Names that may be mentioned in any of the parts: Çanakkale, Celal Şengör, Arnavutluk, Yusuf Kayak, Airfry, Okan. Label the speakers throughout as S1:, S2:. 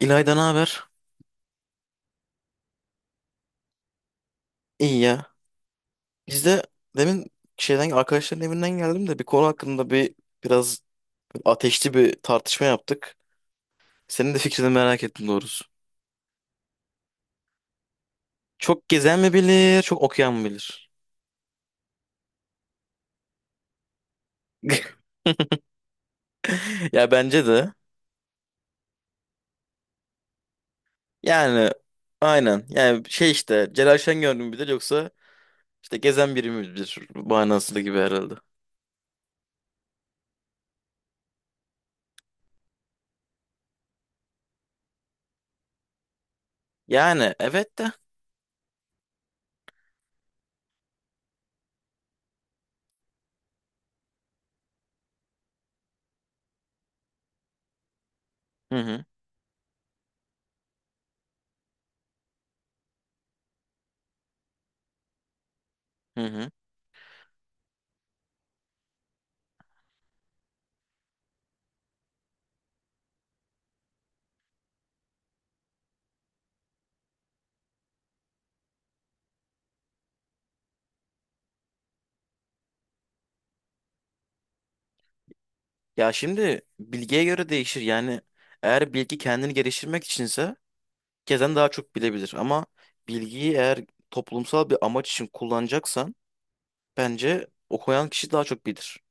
S1: İlayda ne haber? İyi ya. Biz de demin şeyden arkadaşların evinden geldim de bir konu hakkında biraz ateşli bir tartışma yaptık. Senin de fikrini merak ettim doğrusu. Çok gezen mi bilir, çok okuyan mı bilir? Ya bence de. Yani aynen. Yani şey işte Celal Şengör mü bilir yoksa işte gezen biri mi bilir manasında gibi herhalde. Yani evet de. Hı hı. Hı hı. Ya şimdi bilgiye göre değişir. Yani eğer bilgi kendini geliştirmek içinse herkesten daha çok bilebilir. Ama bilgiyi eğer toplumsal bir amaç için kullanacaksan bence okuyan kişi daha çok bilir.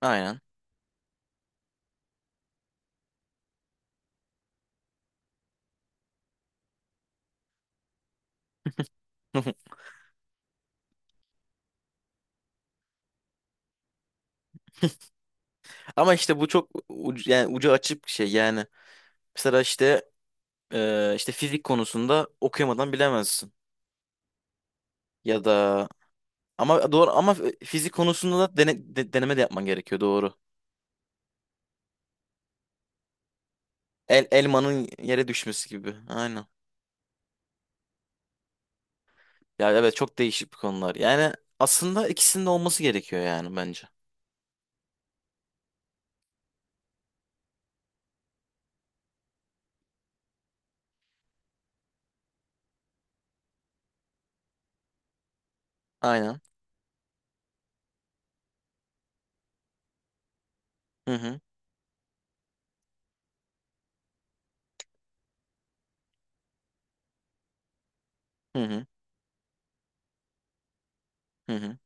S1: Aynen. Ama işte yani ucu açık bir şey yani. Mesela işte işte fizik konusunda okuyamadan bilemezsin. Ya da ama doğru ama fizik konusunda da deneme de yapman gerekiyor doğru. Elmanın yere düşmesi gibi. Aynen. Ya evet çok değişik bir konular. Yani aslında ikisinin de olması gerekiyor yani bence. Aynen. Hı hı. Hı hı. Hı hı.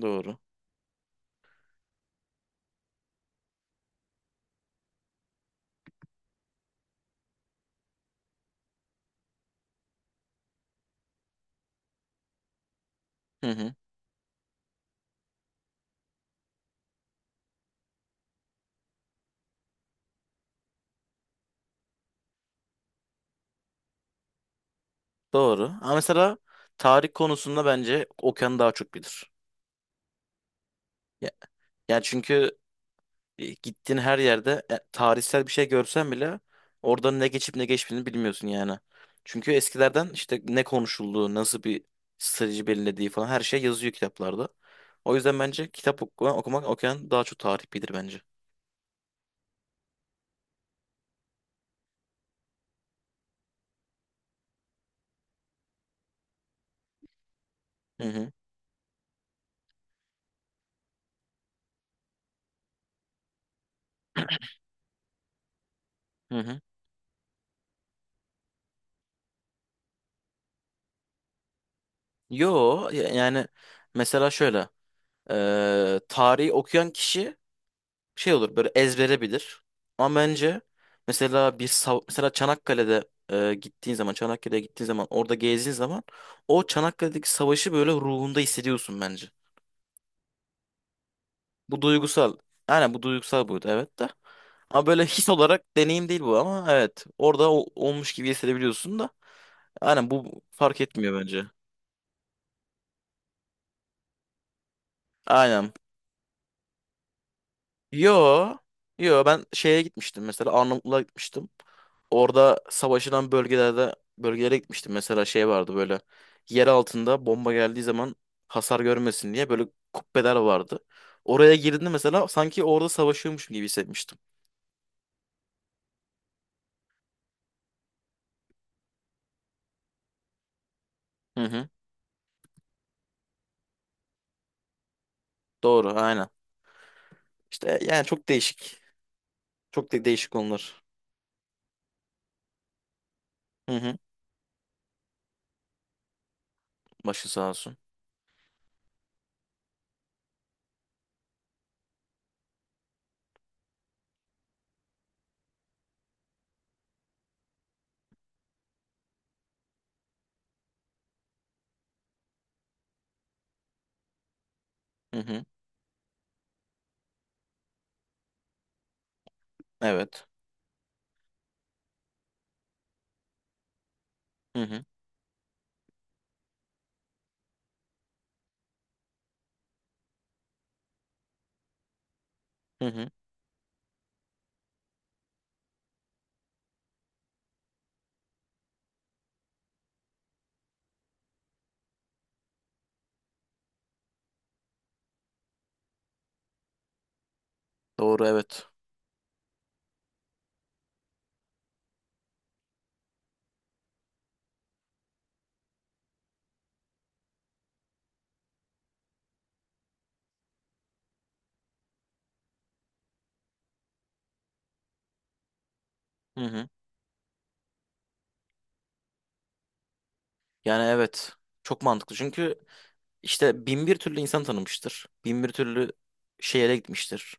S1: Doğru. Hı hı. Doğru. Ama mesela tarih konusunda bence Okan daha çok bilir. Ya, yani çünkü gittiğin her yerde tarihsel bir şey görsen bile orada ne geçip ne geçmediğini bilmiyorsun yani. Çünkü eskilerden işte ne konuşulduğu, nasıl bir strateji belirlediği falan her şey yazıyor kitaplarda. O yüzden bence okumak Okan daha çok tarih bilir bence. Hı hı. Hı hı. Yani mesela şöyle tarihi okuyan kişi şey olur böyle ezbere bilir. Ama bence mesela mesela gittiğin zaman Çanakkale'ye gittiğin zaman orada gezdiğin zaman o Çanakkale'deki savaşı böyle ruhunda hissediyorsun bence. Bu duygusal. Aynen bu duygusal buydu evet de. Ama böyle his olarak deneyim değil bu ama evet orada olmuş gibi hissedebiliyorsun da. Aynen bu fark etmiyor bence. Aynen. Yo. Yo ben şeye gitmiştim mesela Arnavutluğa gitmiştim. Orada savaşılan bölgelere gitmiştim. Mesela şey vardı böyle yer altında bomba geldiği zaman hasar görmesin diye böyle kubbeler vardı. Oraya girdiğimde mesela sanki orada savaşıyormuşum gibi hissetmiştim. Hı hı. Doğru aynen. İşte yani çok değişik. Çok değişik konular. Hı hı. Başı sağ olsun. Hı hı. Evet. Hı hı. Hı hı. Doğru evet. Hı hı. Yani evet. Çok mantıklı çünkü İşte bin bir türlü insan tanımıştır. Bin bir türlü şehre gitmiştir.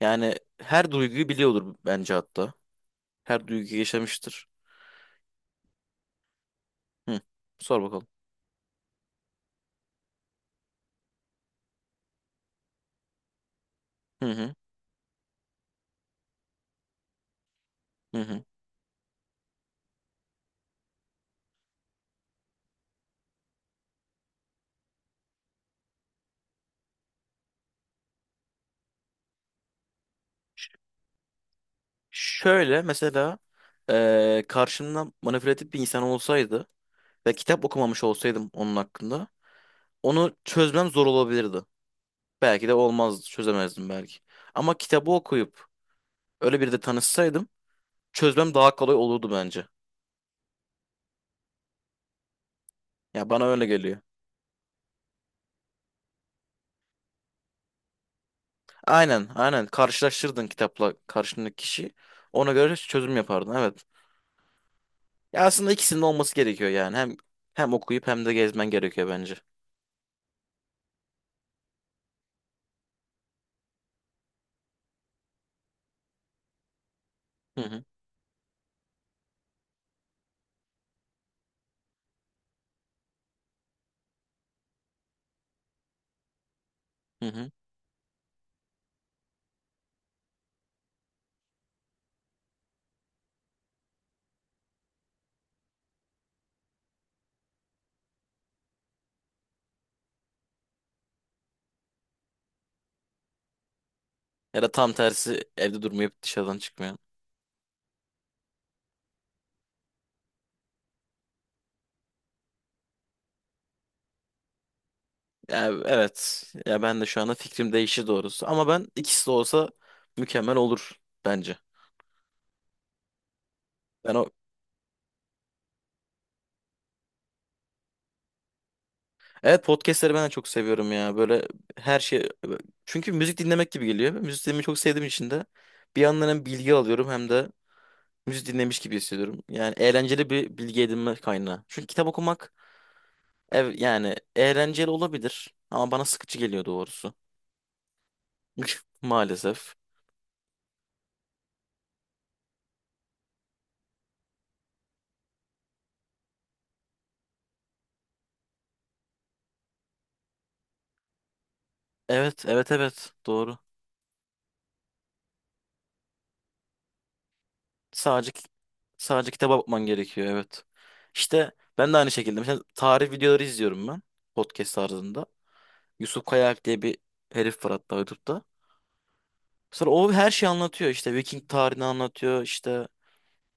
S1: Yani her duyguyu biliyordur bence hatta. Her duyguyu yaşamıştır. Hı. Sor bakalım. Hı hı. Hı hı. Şöyle mesela karşımda manipülatif bir insan olsaydı ve kitap okumamış olsaydım onun hakkında onu çözmem zor olabilirdi. Belki de olmazdı, çözemezdim belki. Ama kitabı okuyup öyle biri de tanışsaydım çözmem daha kolay olurdu bence. Ya bana öyle geliyor. Aynen, aynen. Karşılaştırdın kitapla karşındaki kişi. Ona göre çözüm yapardın. Evet. Ya aslında ikisinin de olması gerekiyor yani. Hem okuyup hem de gezmen gerekiyor bence. Hı hı. Hı hı. Ya da tam tersi evde durmayıp dışarıdan çıkmıyor. Ya evet. Ya ben de şu anda fikrim değişti doğrusu. Ama ben ikisi de olsa mükemmel olur bence. Ben o evet, podcastleri ben de çok seviyorum ya. Böyle her şey çünkü müzik dinlemek gibi geliyor. Müzik dinlemeyi çok sevdiğim için de bir yandan hem bilgi alıyorum hem de müzik dinlemiş gibi hissediyorum. Yani eğlenceli bir bilgi edinme kaynağı. Çünkü yani eğlenceli olabilir ama bana sıkıcı geliyor doğrusu. Maalesef. Evet, evet, evet. Doğru. Sadece sadece kitaba bakman gerekiyor, evet. İşte ben de aynı şekilde mesela tarih videoları izliyorum ben podcast tarzında. Yusuf Kayak diye bir herif var hatta YouTube'da. Sonra o her şeyi anlatıyor. İşte Viking tarihini anlatıyor, işte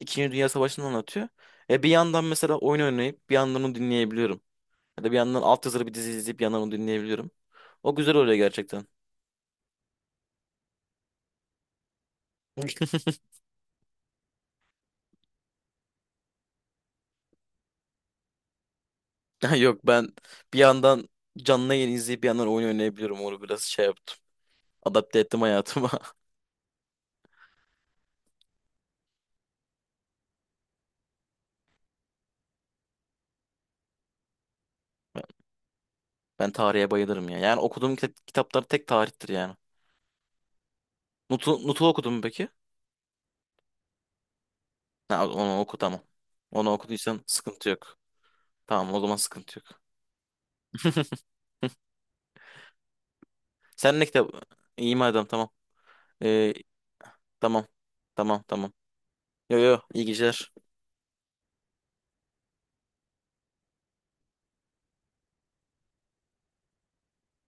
S1: İkinci Dünya Savaşı'nı anlatıyor. E bir yandan mesela oyun oynayıp bir yandan onu dinleyebiliyorum. Ya da bir yandan altyazılı bir dizi izleyip bir yandan onu dinleyebiliyorum. O güzel oluyor gerçekten. Yok, ben bir yandan canlı yayın izleyip bir yandan oyun oynayabiliyorum. Onu biraz şey yaptım. Adapte ettim hayatıma. Ben ben tarihe bayılırım ya. Yani okuduğum kitaplar tek tarihtir yani. Nut'u okudun mu peki? Ha, onu oku tamam. Onu okuduysan sıkıntı yok. Tamam o zaman sıkıntı yok. Sen ne kitap? İyi madem tamam. Ee, tamam. Tamam, tamam. Yo yo, iyi geceler.